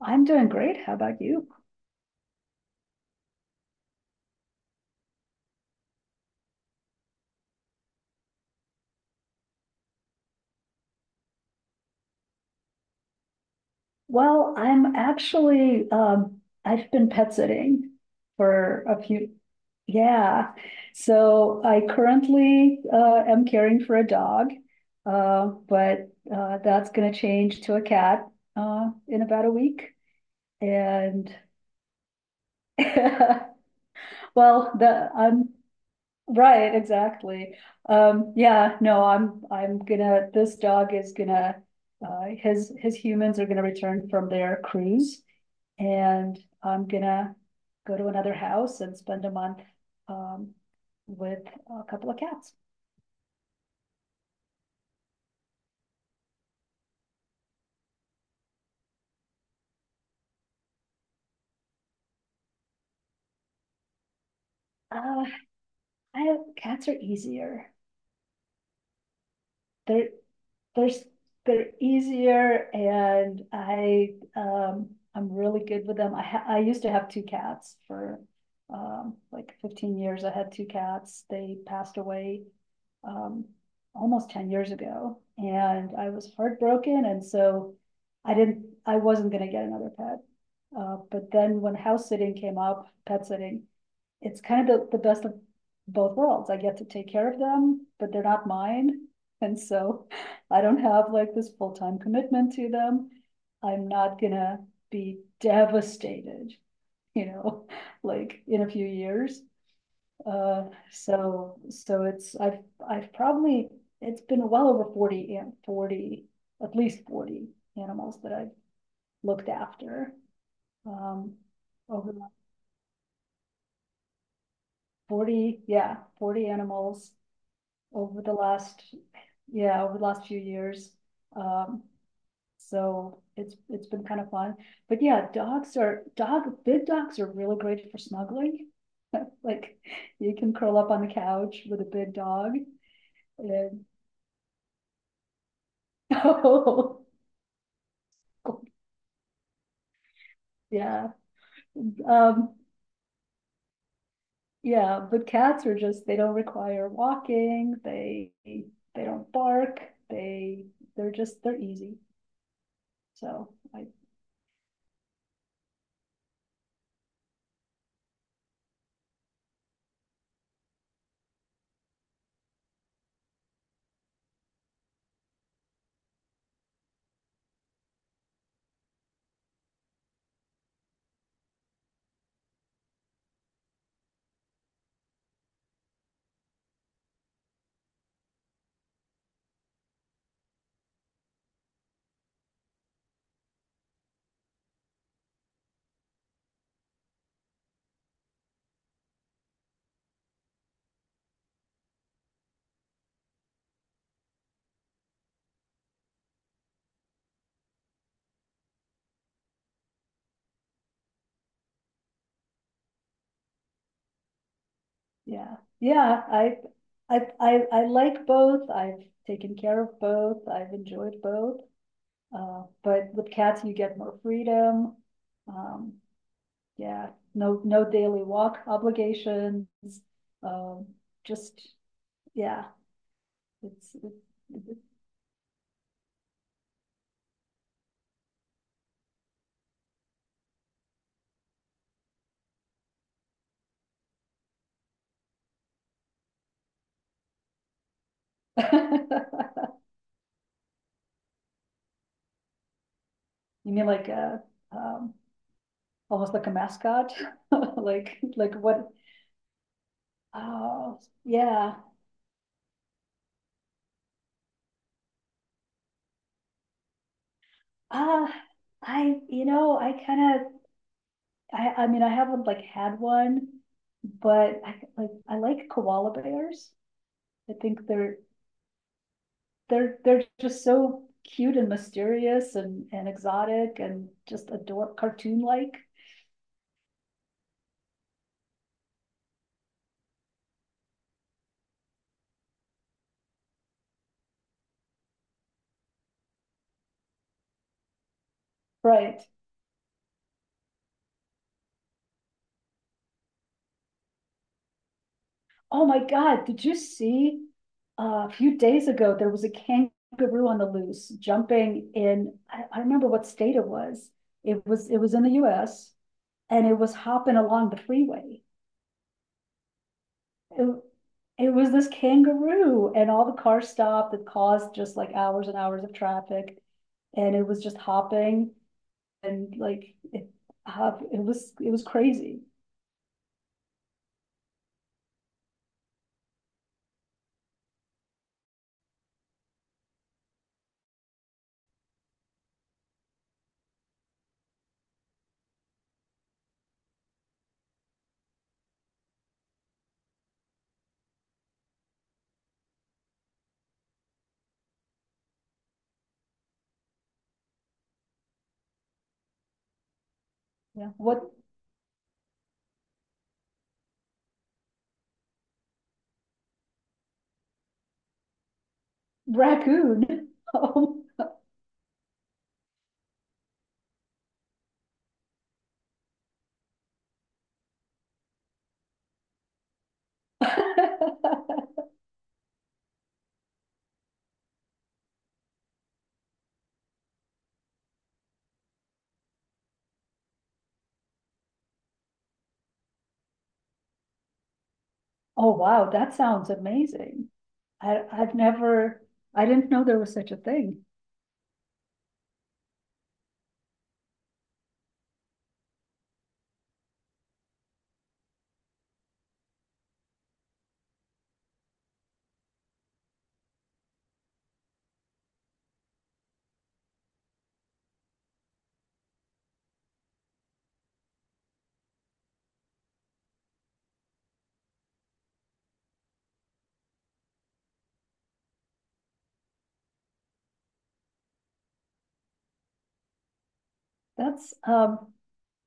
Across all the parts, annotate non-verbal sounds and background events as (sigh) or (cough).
I'm doing great. How about you? Well, I'm actually I've been pet sitting for a few, yeah. So I currently am caring for a dog. But that's gonna change to a cat in about a week. And (laughs) well, the I'm Right, exactly. Yeah, no, I'm gonna this dog is gonna his humans are gonna return from their cruise, and I'm gonna go to another house and spend a month um with a couple of cats. Uh I Cats are easier. They're they're they're easier, and I I'm really good with them. I used to have two cats for like 15 years. I had two cats. They passed away um almost 10 years ago, and I was heartbroken, and so I wasn't going to get another pet. But then when house sitting came up, pet sitting, it's kind of the best of both worlds. I get to take care of them, but they're not mine. And so (laughs) I don't have like this full time commitment to them. I'm not gonna be devastated, you know, (laughs) like in a few years. Uh, so it's I've probably it's been well over 40 and 40, at least 40 animals that I've looked after, um over 40, yeah, 40 animals over the last, yeah, over the last few years. Um, so it's been kind of fun. But yeah, dogs are dog big dogs are really great for snuggling. (laughs) Like you can curl up on the couch with a big dog, and (laughs) oh yeah. Um yeah, but cats are just they don't require walking, they don't bark, they they're just they're easy. So I yeah, yeah, I like both. I've taken care of both. I've enjoyed both. But with cats, you get more freedom. Um, yeah, no, no daily walk obligations. Um, just, yeah, it's, it- it. (laughs) You mean like a, um, almost like a mascot, (laughs) like what? Oh, yeah. Ah, uh, I, you know, I kind of I mean, I haven't like had one, but I like koala bears. I think they're just so cute and mysterious and exotic, and just adore cartoon like. Right. Oh my God, did you see a few days ago there was a kangaroo on the loose jumping in. I remember what state it was. It was in the US, and it was hopping along the freeway. It it was this kangaroo, and all the cars stopped. It caused just like hours and hours of traffic. And it was just hopping, and it was crazy. Yeah. What Raccoon? (laughs) Um, (laughs) Oh wow, that sounds amazing. I've never. I didn't know there was such a thing. That's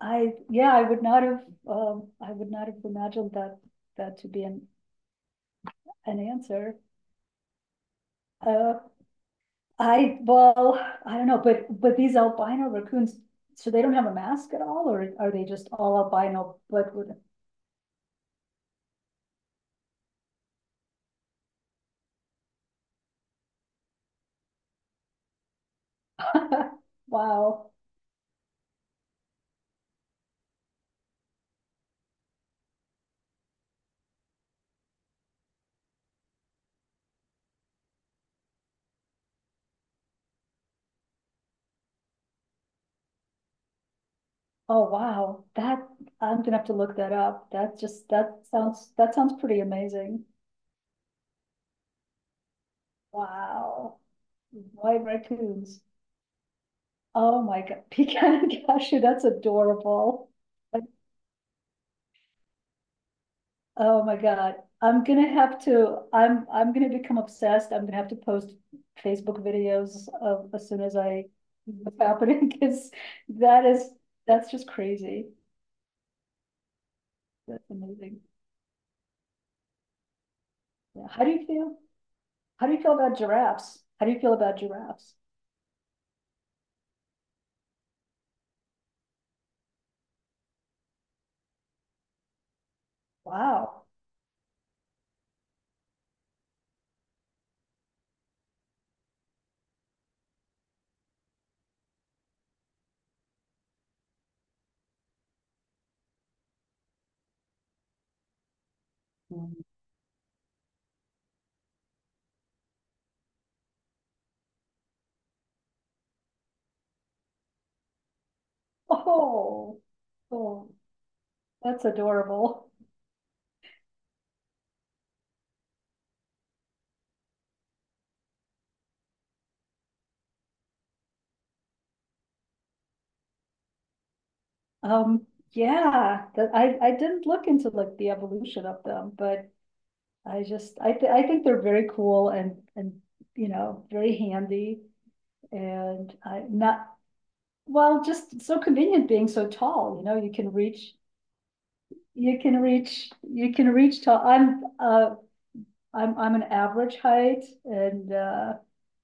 I yeah, I would not have imagined that to be an answer. Uh well, I don't know, but, these albino raccoons, so they don't have a mask at all, or are they just all albino, but with, (laughs) wow. Oh, wow. I'm gonna have to look that up. That sounds pretty amazing. Wow. White raccoons. Oh my God. (laughs) Pecan cashew, that's adorable. Like, Oh my God, I'm gonna have to, I'm gonna become obsessed. I'm gonna have to post Facebook videos of, as soon as I, what's happening, (laughs) because that is, that's just crazy. That's amazing. Yeah. How do you feel? How do you feel about giraffes? How do you feel about giraffes? Wow. Mm. Oh, oh, that's adorable. Um, yeah, that I didn't look into like the evolution of them, but I just, I think they're very cool, and very handy, and I not, well, just so convenient being so tall, you can reach tall. I'm, I'm an average height, and,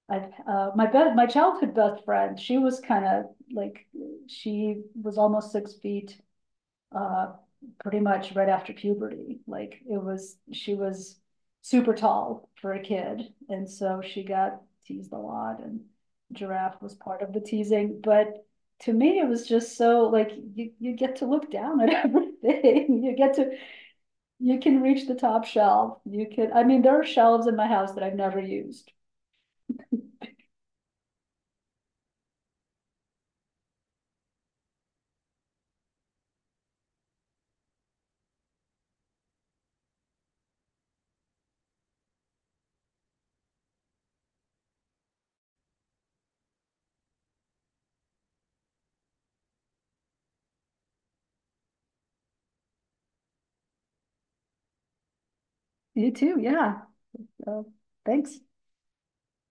I, my childhood best friend, she was kind of like, she was almost 6 feet, uh, pretty much right after puberty. She was super tall for a kid. And so she got teased a lot, and giraffe was part of the teasing. But to me, it was just so like you get to look down at everything. (laughs) You can reach the top shelf. I mean, there are shelves in my house that I've never used. You too. Yeah. So, thanks.